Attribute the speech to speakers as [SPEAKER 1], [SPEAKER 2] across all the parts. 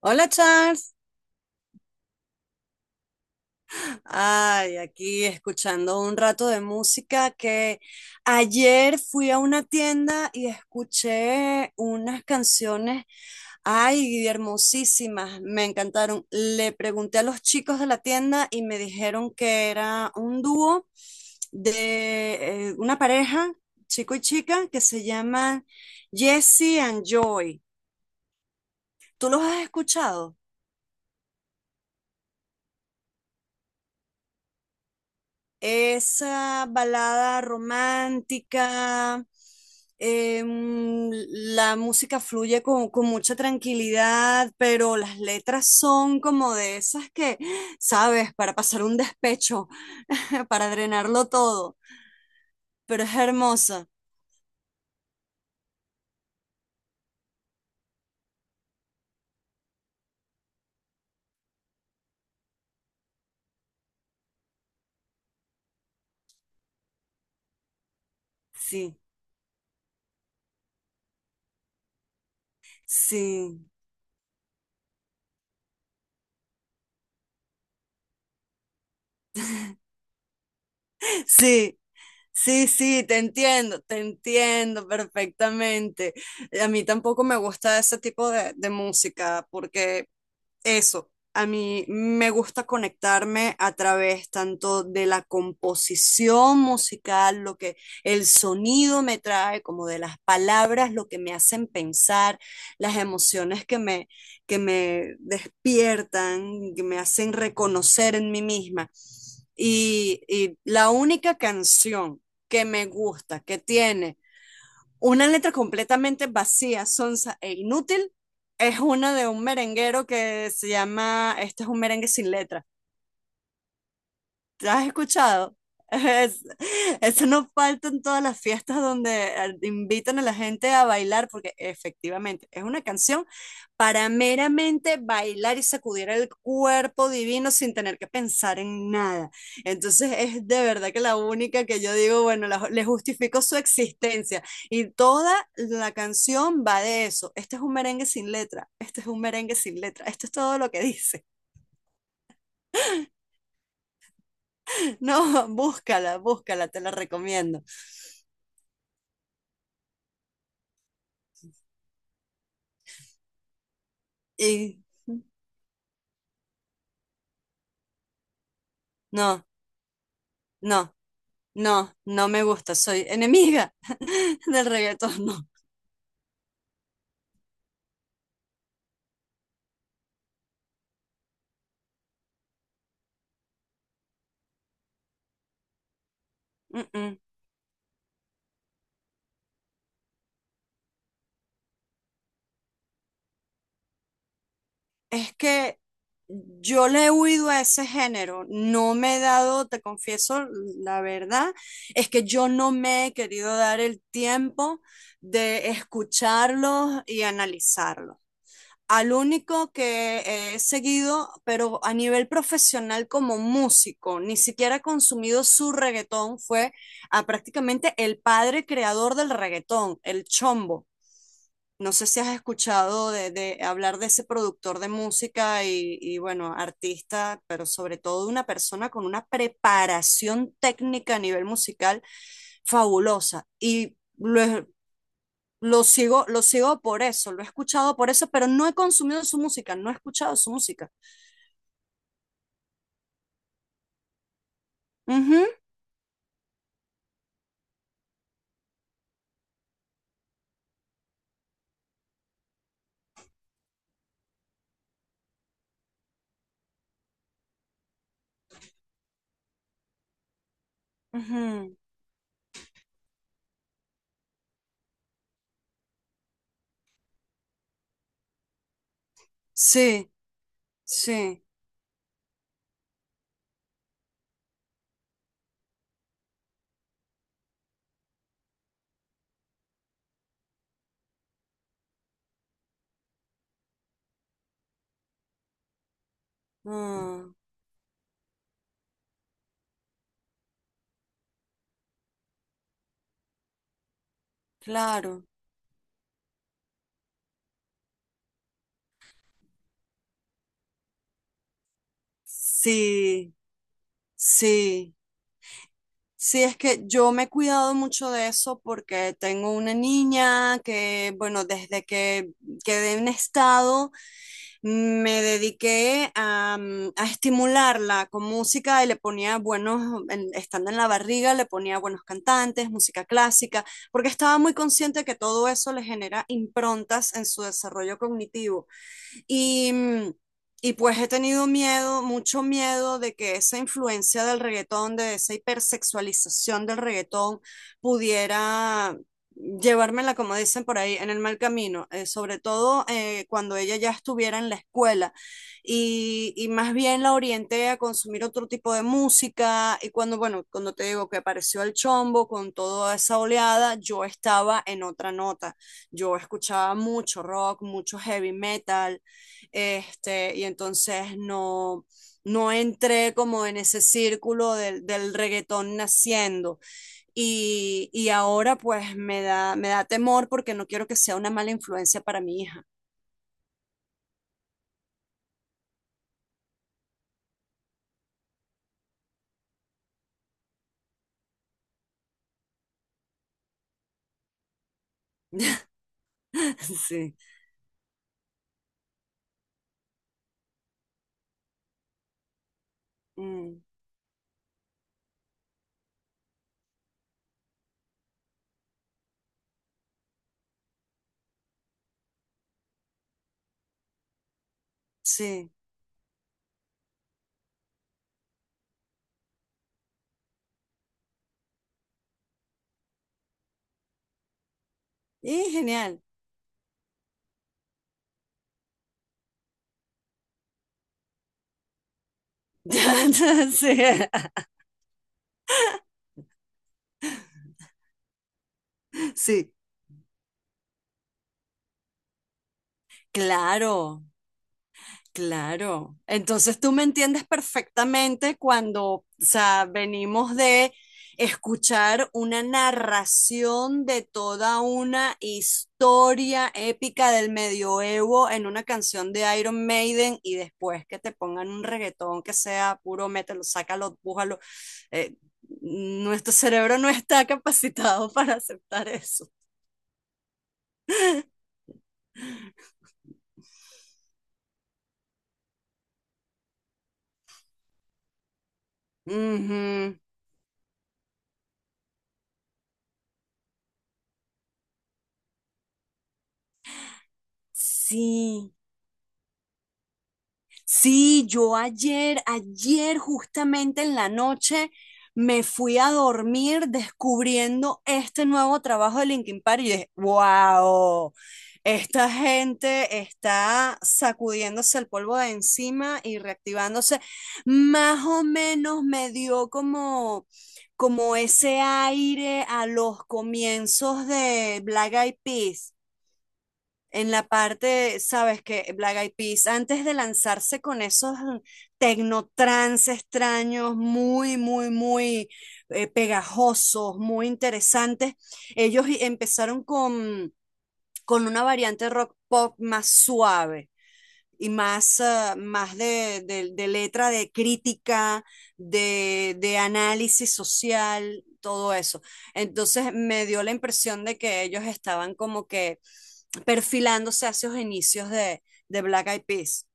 [SPEAKER 1] Hola Charles, ay, aquí escuchando un rato de música que ayer fui a una tienda y escuché unas canciones, ay, hermosísimas, me encantaron. Le pregunté a los chicos de la tienda y me dijeron que era un dúo de una pareja, chico y chica, que se llaman Jesse and Joy. ¿Tú los has escuchado? Esa balada romántica. eh, mm, la música fluye con mucha tranquilidad, pero las letras son como de esas que, sabes, para pasar un despecho, para drenarlo todo, pero es hermosa. Sí, sí, sí. Sí, sí, te entiendo perfectamente. A mí tampoco me gusta ese tipo de música porque Eso, a mí me gusta conectarme a través tanto de la composición musical, lo que el sonido me trae, como de las palabras, lo que me hacen pensar, las emociones que me despiertan, que me hacen reconocer en mí misma. Y la única canción que me gusta, que tiene una letra completamente vacía, sonsa e inútil es una de un merenguero que se llama Este es un merengue sin letra. ¿Te has escuchado? Es- eso no falta en todas las fiestas donde invitan a la gente a bailar, porque efectivamente es una canción para meramente bailar y sacudir el cuerpo divino sin tener que pensar en nada. Entonces es de verdad que la única que yo digo, bueno, le justifico su existencia. Y toda la canción va de eso. Este es un merengue sin letra, este es un merengue sin letra, esto es todo lo que dice. No, búscala, búscala, te la recomiendo. Y no, no, no, no me gusta. Soy enemiga del reggaetón, no. Mm, mm. Es que yo le he huido a ese género. No me he dado, te confieso, la verdad, es que yo no me he querido dar el tiempo de escucharlos y analizarlos. Al único que he seguido, pero a nivel profesional como músico, ni siquiera he consumido su reggaetón, fue a prácticamente el padre creador del reggaetón, el Chombo. No sé si has escuchado de hablar de ese productor de música y, bueno, artista, pero sobre todo una persona con una preparación técnica a nivel musical fabulosa. Y lo sigo, lo sigo por eso, lo he escuchado por eso, pero no he consumido su música, no he escuchado su música. Ujú, ujú. Sí, sí. Ah, claro. Sí, sí. Sí, es que yo me he cuidado mucho de eso porque tengo una niña que, bueno, desde que quedé en estado, me dediqué a estimularla con música y le ponía buenos, estando en la barriga, le ponía buenos cantantes, música clásica, porque estaba muy consciente que todo eso le genera improntas en su desarrollo cognitivo. Y, mm, y pues he tenido miedo, mucho miedo de que esa influencia del reggaetón, de esa hipersexualización del reggaetón, pudiera llevármela, como dicen por ahí, en el mal camino, sobre todo cuando ella ya estuviera en la escuela y más bien la orienté a consumir otro tipo de música y cuando, bueno, cuando te digo que apareció el chombo con toda esa oleada, yo estaba en otra nota, yo escuchaba mucho rock, mucho heavy metal, este, y entonces no entré como en ese círculo del reggaetón naciendo. Ahora pues me da temor porque no quiero que sea una mala influencia para mi hija. Sí, mm, sí, y genial. Sí. Sí, claro. Claro. Entonces tú me entiendes perfectamente cuando, o sea, venimos de escuchar una narración de toda una historia épica del medioevo en una canción de Iron Maiden y después que te pongan un reggaetón que sea puro mételo, sácalo, pújalo. Eh, Nuestro cerebro no está capacitado para aceptar eso. Ujú. Sí. Sí, yo ayer, ayer justamente en la noche me fui a dormir descubriendo este nuevo trabajo de Linkin Park y dije, wow, esta gente está sacudiéndose el polvo de encima y reactivándose. Más o menos me dio como ese aire a los comienzos de Black Eyed Peas en la parte, sabes que Black Eyed Peas, antes de lanzarse con esos tecnotrans extraños, muy, muy, muy pegajosos, muy interesantes, ellos empezaron con una variante rock pop más suave y más de letra, de crítica, de análisis social, todo eso. Entonces me dio la impresión de que ellos estaban como que perfilándose hacia los inicios de Black Eyed Peas.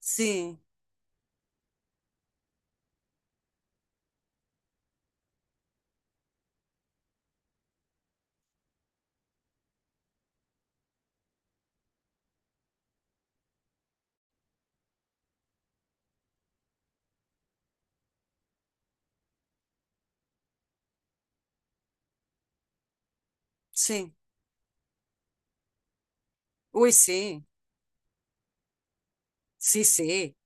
[SPEAKER 1] Sí, sí. Uy, sí, sí, sí.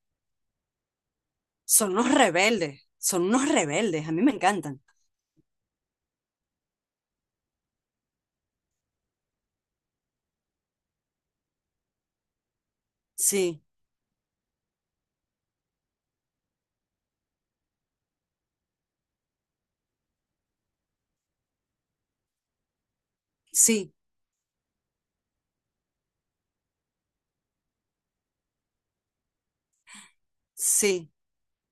[SPEAKER 1] Son unos rebeldes, a mí me encantan. Sí, sí, sí.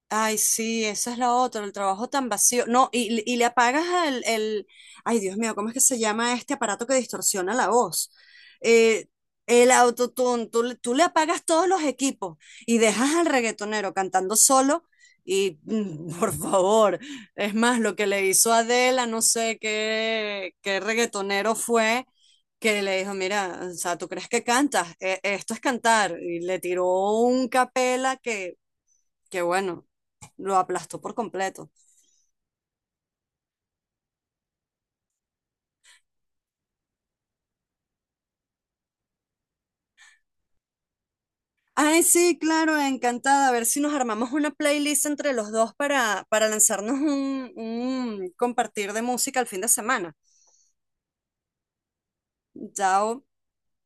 [SPEAKER 1] Ay, sí, esa es la otra, el trabajo tan vacío. No, y le apagas el. Ay, Dios mío, ¿cómo es que se llama este aparato que distorsiona la voz? Eh, el autotune, tú le apagas todos los equipos y dejas al reggaetonero cantando solo y, por favor, es más, lo que le hizo Adela, no sé qué, qué reggaetonero fue, que le dijo, mira, o sea, ¿tú crees que cantas? Esto es cantar. Y le tiró un capela que bueno lo aplastó por completo. Ay, sí, claro, encantada. A ver si nos armamos una playlist entre los dos para, lanzarnos un compartir de música el fin de semana. Ya